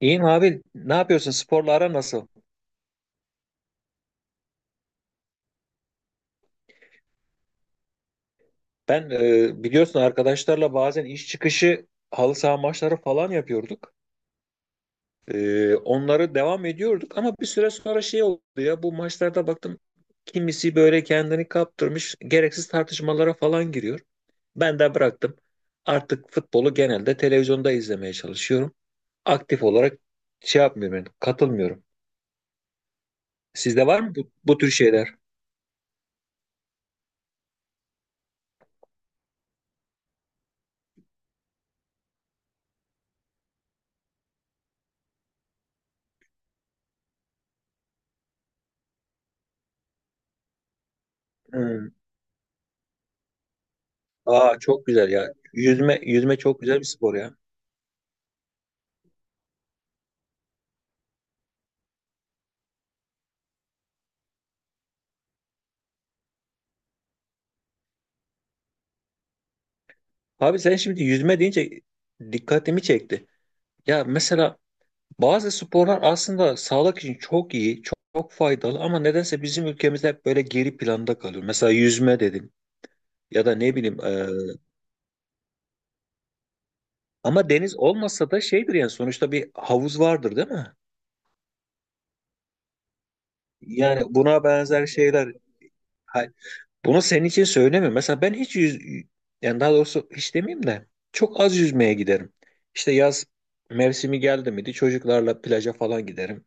İyiyim abi. Ne yapıyorsun? Sporla ara nasıl? Ben biliyorsun arkadaşlarla bazen iş çıkışı halı saha maçları falan yapıyorduk. Onları devam ediyorduk ama bir süre sonra şey oldu ya, bu maçlarda baktım kimisi böyle kendini kaptırmış gereksiz tartışmalara falan giriyor. Ben de bıraktım. Artık futbolu genelde televizyonda izlemeye çalışıyorum. Aktif olarak şey yapmıyorum yani, katılmıyorum. Sizde var mı bu tür şeyler? Hmm. Aa çok güzel ya. Yüzme yüzme çok güzel bir spor ya. Abi sen şimdi yüzme deyince dikkatimi çekti. Ya mesela bazı sporlar aslında sağlık için çok iyi, çok, çok faydalı ama nedense bizim ülkemizde hep böyle geri planda kalıyor. Mesela yüzme dedim ya da ne bileyim ama deniz olmasa da şeydir yani, sonuçta bir havuz vardır değil mi? Yani buna benzer şeyler. Ha, bunu senin için söylemiyorum. Mesela ben yani daha doğrusu hiç demeyeyim de çok az yüzmeye giderim. İşte yaz mevsimi geldi miydi çocuklarla plaja falan giderim.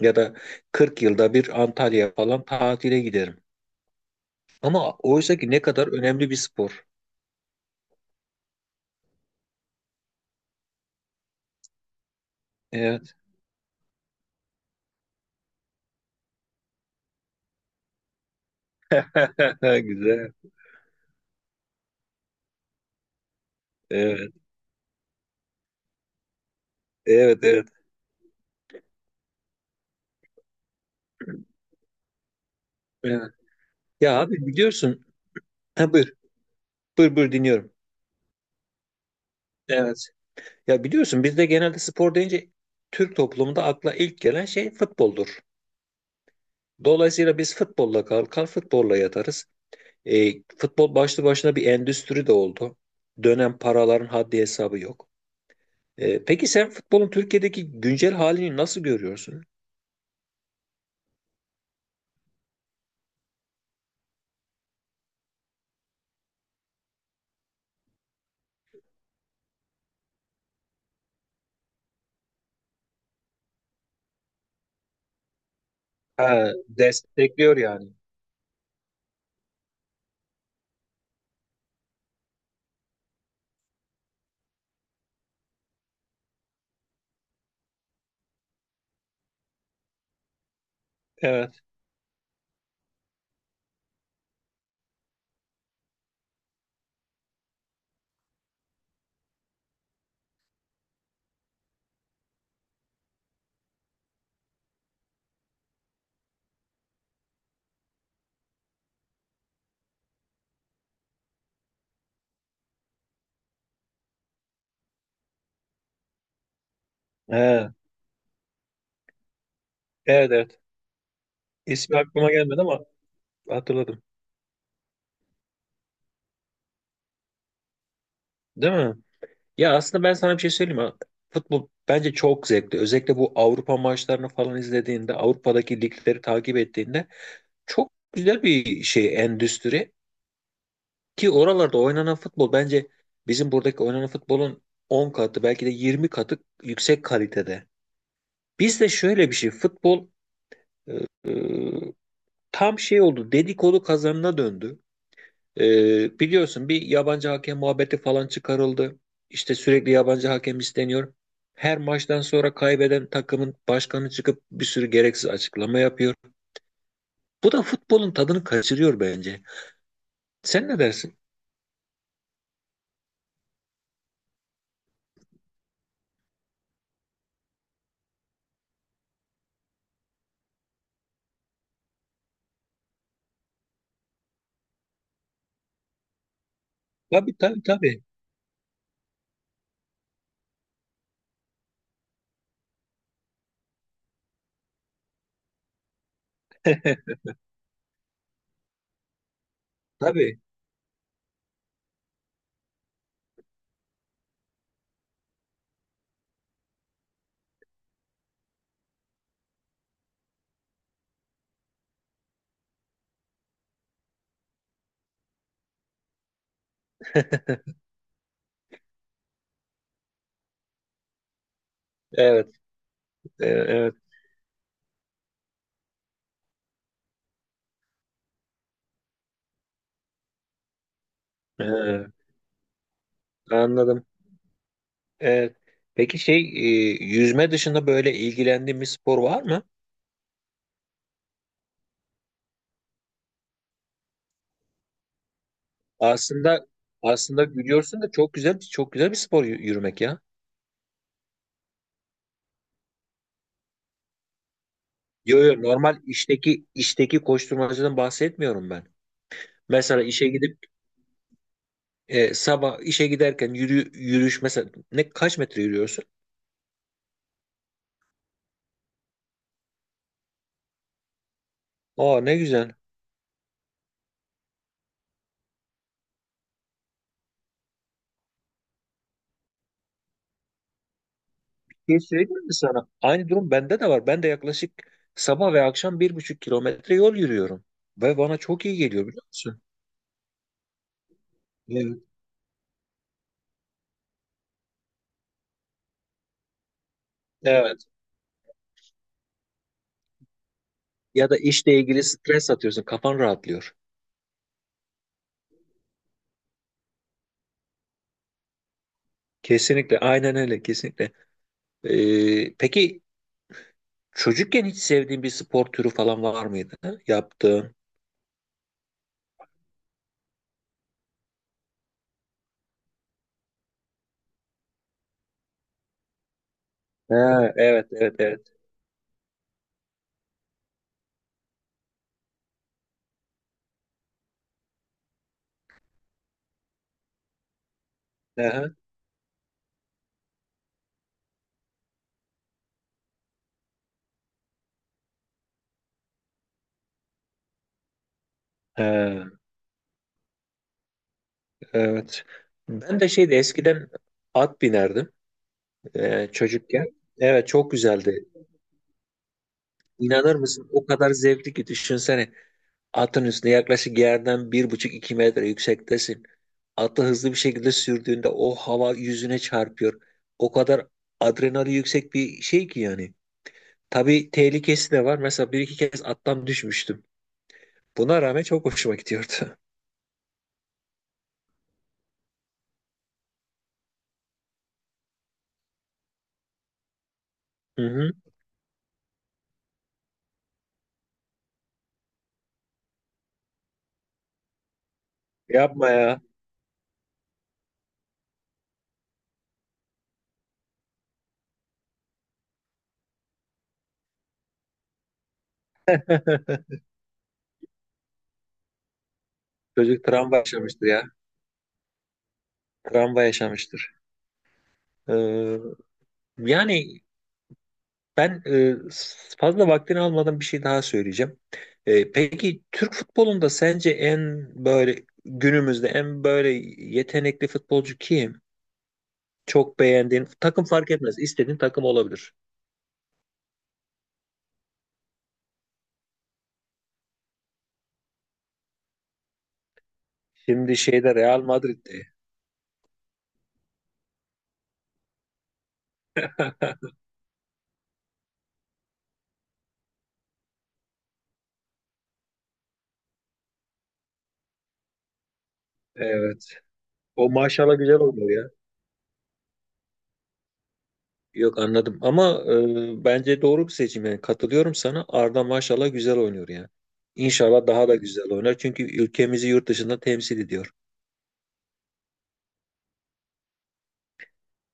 Ya da 40 yılda bir Antalya falan tatile giderim. Ama oysa ki ne kadar önemli bir spor. Evet. Güzel. Evet. Evet, evet. Evet. Ya abi biliyorsun. Ha, buyur. Buyur buyur dinliyorum. Evet. Ya biliyorsun bizde genelde spor deyince, Türk toplumunda akla ilk gelen şey futboldur. Dolayısıyla biz futbolla kalkar, futbolla yatarız. Futbol başlı başına bir endüstri de oldu. Dönen paraların haddi hesabı yok. Peki sen futbolun Türkiye'deki güncel halini nasıl görüyorsun? Ha, destekliyor yani. Evet. Ha, evet evet. İsmi aklıma gelmedi ama hatırladım. Değil mi? Ya aslında ben sana bir şey söyleyeyim mi? Futbol bence çok zevkli. Özellikle bu Avrupa maçlarını falan izlediğinde, Avrupa'daki ligleri takip ettiğinde, çok güzel bir şey, endüstri. Ki oralarda oynanan futbol bence bizim buradaki oynanan futbolun 10 katı belki de 20 katı yüksek kalitede. Bizde şöyle bir şey futbol e, tam şey oldu, dedikodu kazanına döndü. Biliyorsun bir yabancı hakem muhabbeti falan çıkarıldı. İşte sürekli yabancı hakem isteniyor. Her maçtan sonra kaybeden takımın başkanı çıkıp bir sürü gereksiz açıklama yapıyor. Bu da futbolun tadını kaçırıyor bence. Sen ne dersin? Tabii tabii tabii. Tabii. Evet. Evet. Ee, Anladım. Ee, peki şey yüzme dışında böyle ilgilendiğin bir spor var mı? Aslında aslında gülüyorsun da çok güzel çok güzel bir spor yürümek ya. Yo yo, normal işteki koşturmacadan bahsetmiyorum ben. Mesela işe gidip sabah işe giderken yürüyüş mesela, ne kaç metre yürüyorsun? Aa ne güzel. Bir şey söyleyeyim mi sana? Aynı durum bende de var. Ben de yaklaşık sabah ve akşam 1,5 kilometre yol yürüyorum. Ve bana çok iyi geliyor biliyor musun? Evet. Evet. Ya da işle ilgili stres atıyorsun, kafan rahatlıyor. Kesinlikle, aynen öyle, kesinlikle. Peki çocukken hiç sevdiğin bir spor türü falan var mıydı? Ha? Yaptığın? Ha, evet, evet, evet. Aha. Ha, evet. Ben de şeydi eskiden, at binerdim çocukken. Evet, çok güzeldi. İnanır mısın? O kadar zevkli ki düşünsene. Atın üstünde yaklaşık yerden bir buçuk iki metre yüksektesin. Atı hızlı bir şekilde sürdüğünde o hava yüzüne çarpıyor. O kadar adrenali yüksek bir şey ki yani. Tabii tehlikesi de var. Mesela bir iki kez attan düşmüştüm. Buna rağmen çok hoşuma gidiyordu. Hı hı. Yapma ya. Çocuk travma yaşamıştır ya. Travma yaşamıştır. Ee, Yani ben fazla vaktini almadan bir şey daha söyleyeceğim. Peki Türk futbolunda sence en böyle günümüzde en böyle yetenekli futbolcu kim? Çok beğendiğin takım fark etmez. İstediğin takım olabilir. Şimdi şeyde, Real Madrid'de. Evet. O maşallah güzel oynuyor ya. Yok anladım ama bence doğru bir seçim, yani katılıyorum sana. Arda maşallah güzel oynuyor yani. İnşallah daha da güzel oynar çünkü ülkemizi yurt dışında temsil ediyor.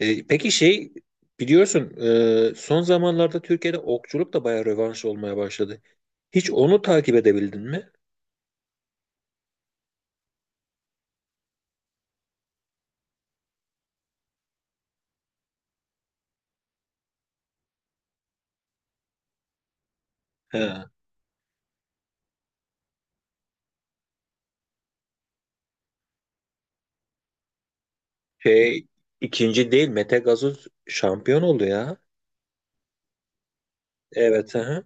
Peki şey, biliyorsun son zamanlarda Türkiye'de okçuluk da bayağı rövanş olmaya başladı. Hiç onu takip edebildin mi? He. Şey, ikinci değil, Mete Gazoz şampiyon oldu ya. Evet. Hı hı.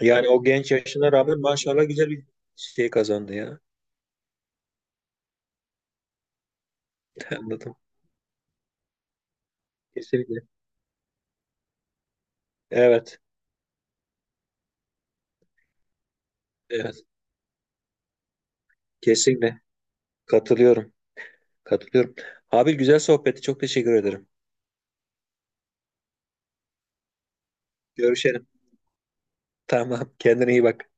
Yani o genç yaşına rağmen maşallah güzel bir şey kazandı ya. Anladım. Kesinlikle. Evet. Evet. Kesinlikle. Katılıyorum. Katılıyorum. Abi güzel sohbetti. Çok teşekkür ederim. Görüşelim. Tamam. Kendine iyi bak.